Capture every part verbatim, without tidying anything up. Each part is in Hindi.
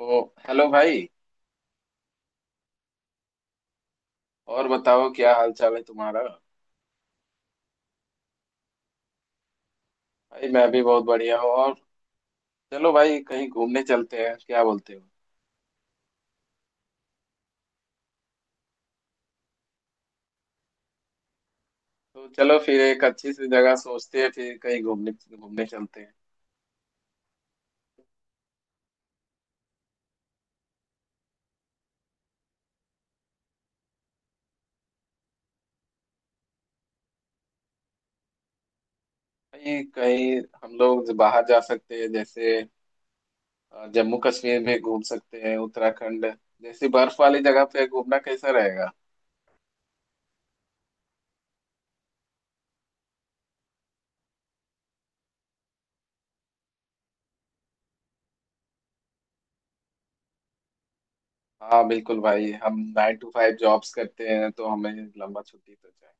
ओ हेलो भाई। और बताओ क्या हाल चाल है तुम्हारा। भाई मैं भी बहुत बढ़िया हूँ। और चलो भाई कहीं घूमने चलते हैं, क्या बोलते हो? तो चलो फिर एक अच्छी सी जगह सोचते हैं फिर कहीं घूमने घूमने चलते हैं। भाई कहीं हम लोग बाहर जा सकते हैं जैसे अ, जम्मू कश्मीर में घूम सकते हैं, उत्तराखंड जैसी बर्फ वाली जगह पे घूमना कैसा रहेगा? हाँ बिल्कुल भाई, हम नाइन टू फाइव जॉब्स करते हैं तो हमें लंबा छुट्टी तो चाहिए।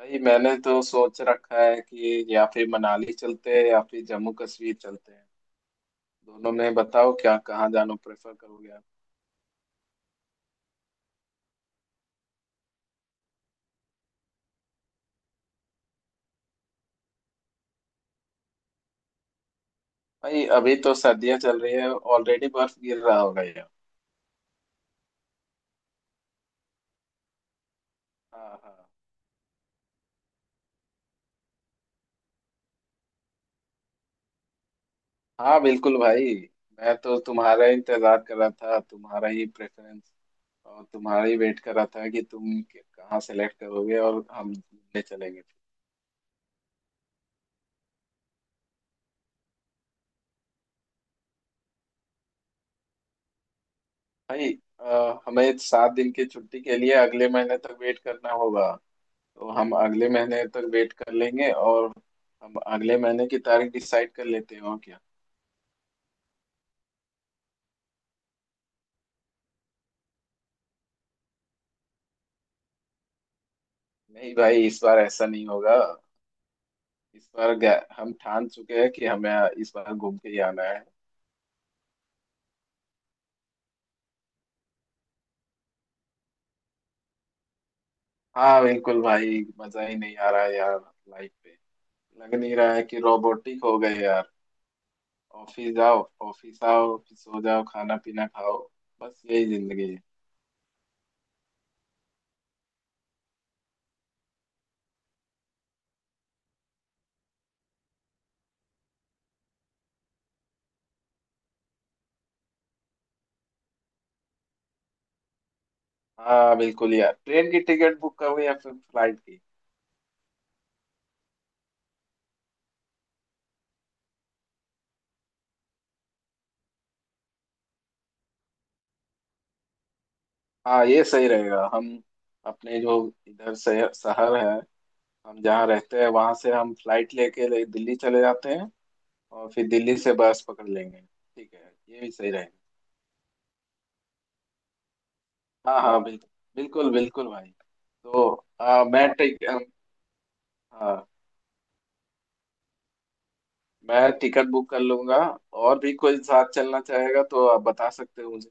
भाई मैंने तो सोच रखा है कि या फिर मनाली चलते हैं या फिर जम्मू कश्मीर चलते हैं। दोनों में बताओ क्या, कहाँ जाना प्रेफर करोगे आप? भाई अभी तो सर्दियाँ चल रही है, ऑलरेडी बर्फ गिर रहा होगा यार। हाँ हाँ। हाँ बिल्कुल भाई, मैं तो तुम्हारा ही इंतजार कर रहा था, तुम्हारा ही प्रेफरेंस और तुम्हारा ही वेट कर रहा था कि तुम कहाँ सेलेक्ट करोगे और हम घूमने चलेंगे। भाई अ, हमें सात दिन की छुट्टी के लिए अगले महीने तक वेट करना होगा। तो हम अगले महीने तक वेट कर लेंगे और हम अगले महीने की तारीख डिसाइड कर लेते हैं, और क्या। नहीं भाई, इस बार ऐसा नहीं होगा। इस बार गया- हम ठान चुके हैं कि हमें इस बार घूम के ही आना है। हाँ बिल्कुल भाई, मजा ही नहीं आ रहा है यार लाइफ पे। लग नहीं रहा है कि रोबोटिक हो गए यार। ऑफिस जाओ, ऑफिस आओ, फिर सो जाओ, खाना पीना खाओ। बस यही जिंदगी है। हाँ बिल्कुल यार, ट्रेन की टिकट बुक करो या फिर फ्लाइट की। हाँ, ये सही रहेगा। हम अपने जो इधर शहर शहर है हम जहाँ रहते हैं वहां से हम फ्लाइट लेके ले, दिल्ली चले जाते हैं और फिर दिल्ली से बस पकड़ लेंगे। ठीक है, ये भी सही रहेगा। हाँ हाँ बिल्कुल। बिल्कुल बिल्कुल भाई। तो आ, मैं टिक हाँ, मैं टिकट बुक कर लूंगा। और भी कोई साथ चलना चाहेगा तो आप बता सकते हो मुझे।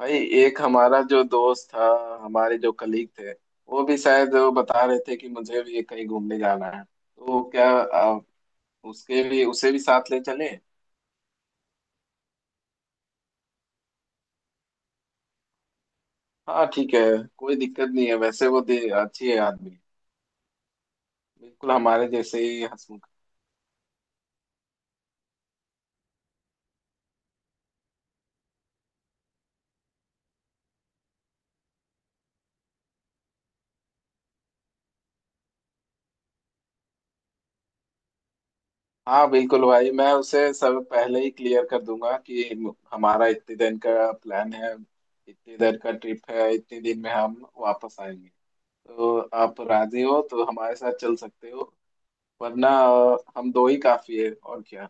भाई एक हमारा जो दोस्त था, हमारे जो कलीग थे, वो भी शायद, वो बता रहे थे कि मुझे भी कहीं घूमने जाना है, तो क्या उसके भी उसे भी साथ ले चले। हाँ ठीक है, कोई दिक्कत नहीं है। वैसे वो दे अच्छी है आदमी, बिल्कुल हमारे जैसे ही हंसमुख। हाँ बिल्कुल भाई, मैं उसे सब पहले ही क्लियर कर दूंगा कि हमारा इतने दिन का प्लान है, इतने दिन का ट्रिप है, इतने दिन में हम वापस आएंगे। तो आप राजी हो तो हमारे साथ चल सकते हो, वरना अ, हम दो ही काफी है, और क्या।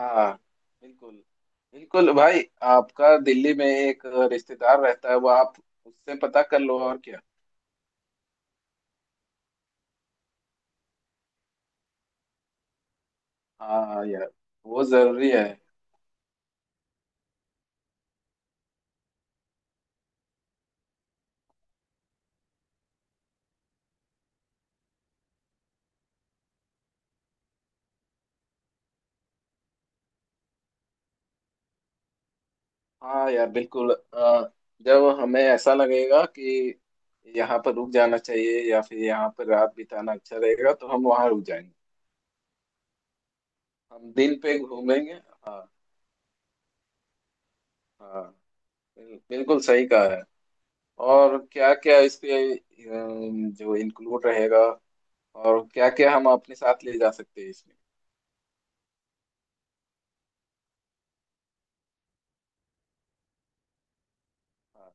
हाँ बिल्कुल। बिल्कुल भाई। आपका दिल्ली में एक रिश्तेदार रहता है, वो आप उससे पता कर लो, और क्या। हाँ यार वो जरूरी है। हाँ यार बिल्कुल। आ, जब हमें ऐसा लगेगा कि यहाँ पर रुक जाना चाहिए या फिर यहाँ पर रात बिताना अच्छा रहेगा तो हम वहाँ रुक जाएंगे। हम दिन पे घूमेंगे। हाँ हाँ। बिल- बिल्कुल सही कहा है। और क्या क्या इसके अम, जो इंक्लूड रहेगा और क्या क्या हम अपने साथ ले जा सकते हैं इसमें। हाँ।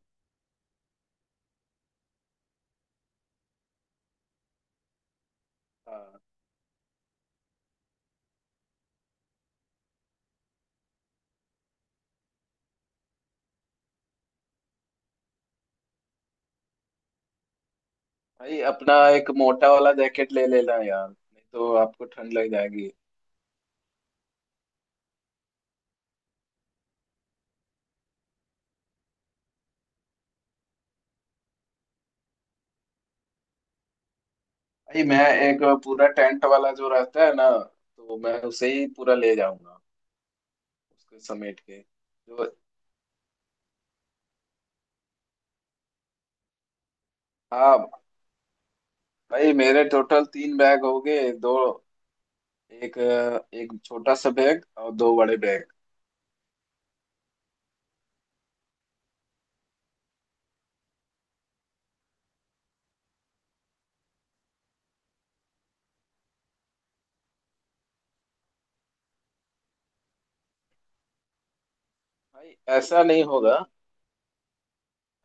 हाँ। भाई अपना एक मोटा वाला जैकेट ले लेना यार, नहीं तो आपको ठंड लग जाएगी। भाई मैं एक पूरा टेंट वाला जो रहता है ना, तो मैं उसे ही पूरा ले जाऊंगा, उसको समेट के जो। हाँ भाई मेरे टोटल तीन बैग हो गए, दो, एक, एक छोटा सा बैग और दो बड़े बैग। भाई ऐसा नहीं होगा।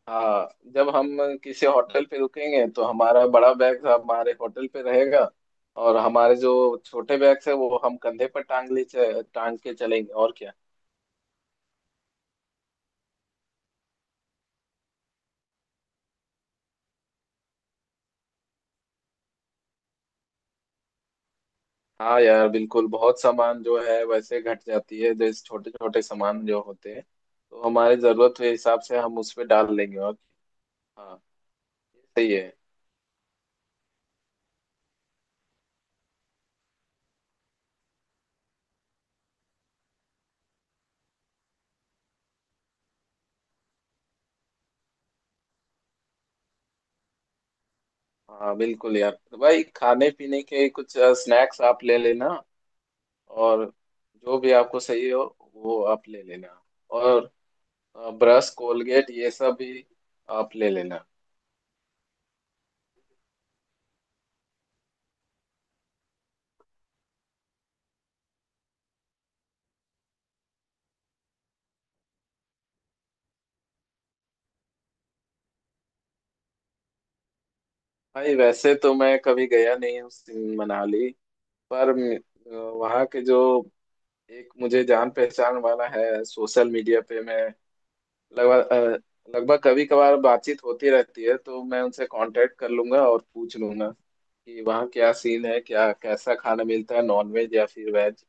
हाँ जब हम किसी होटल पे रुकेंगे तो हमारा बड़ा बैग हमारे होटल पे रहेगा और हमारे जो छोटे बैग्स है वो हम कंधे पर टांग ले च- टांग के चलेंगे, और क्या। हाँ यार बिल्कुल, बहुत सामान जो है वैसे घट जाती है, जैसे छोटे छोटे सामान जो होते हैं तो हमारी जरूरत के हिसाब से हम उस पे डाल लेंगे और। हाँ सही है। हाँ बिल्कुल यार, तो भाई खाने पीने के कुछ स्नैक्स आप ले लेना, और जो भी आपको सही हो वो आप ले लेना, और ब्रश कोलगेट ये सब भी आप ले लेना। भाई वैसे तो मैं कभी गया नहीं हूँ सिम- मनाली, पर म- वहाँ के जो एक मुझे जान पहचान वाला है सोशल मीडिया पे, मैं लगभग अ, लगभग कभी कभार बातचीत होती रहती है, तो मैं उनसे कांटेक्ट कर लूंगा और पूछ लूंगा कि वहाँ क्या सीन है, क्या कैसा खाना मिलता है, नॉन वेज या फिर वेज।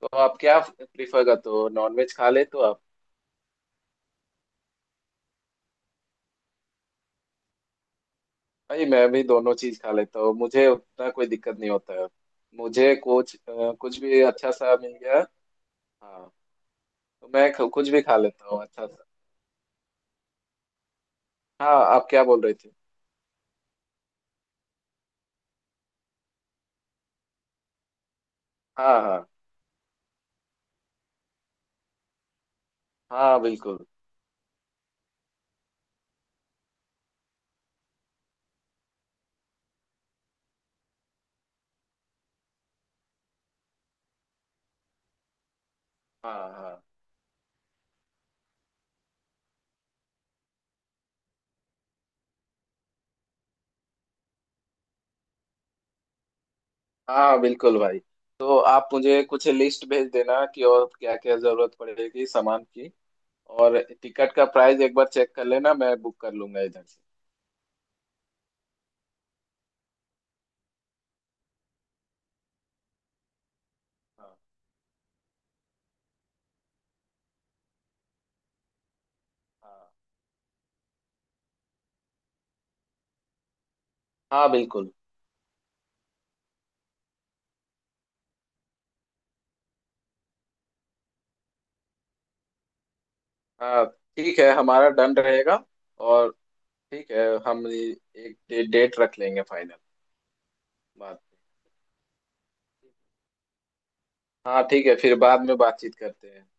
तो आप क्या प्रिफर करते हो, नॉन वेज खा लेते हो आप? भाई मैं भी दोनों चीज खा लेता हूँ, मुझे उतना कोई दिक्कत नहीं होता है। मुझे कुछ अ, कुछ भी अच्छा सा मिल गया। हाँ। तो मैं ख- कुछ भी खा लेता हूँ अच्छा सा। हाँ, आप क्या बोल रही थी? हाँ हाँ। हाँ बिल्कुल। हाँ हाँ। हाँ बिल्कुल भाई, तो आप मुझे कुछ लिस्ट भेज देना कि और क्या क्या जरूरत पड़ेगी सामान की, और टिकट का प्राइस एक बार चेक कर लेना, मैं बुक कर लूंगा इधर से। हाँ हाँ। हाँ बिल्कुल। हाँ ठीक है, हमारा डन रहेगा। और ठीक है, हम ये- एक डेट रख लेंगे फाइनल। बात। हाँ ठीक है, फिर बाद में बातचीत करते हैं।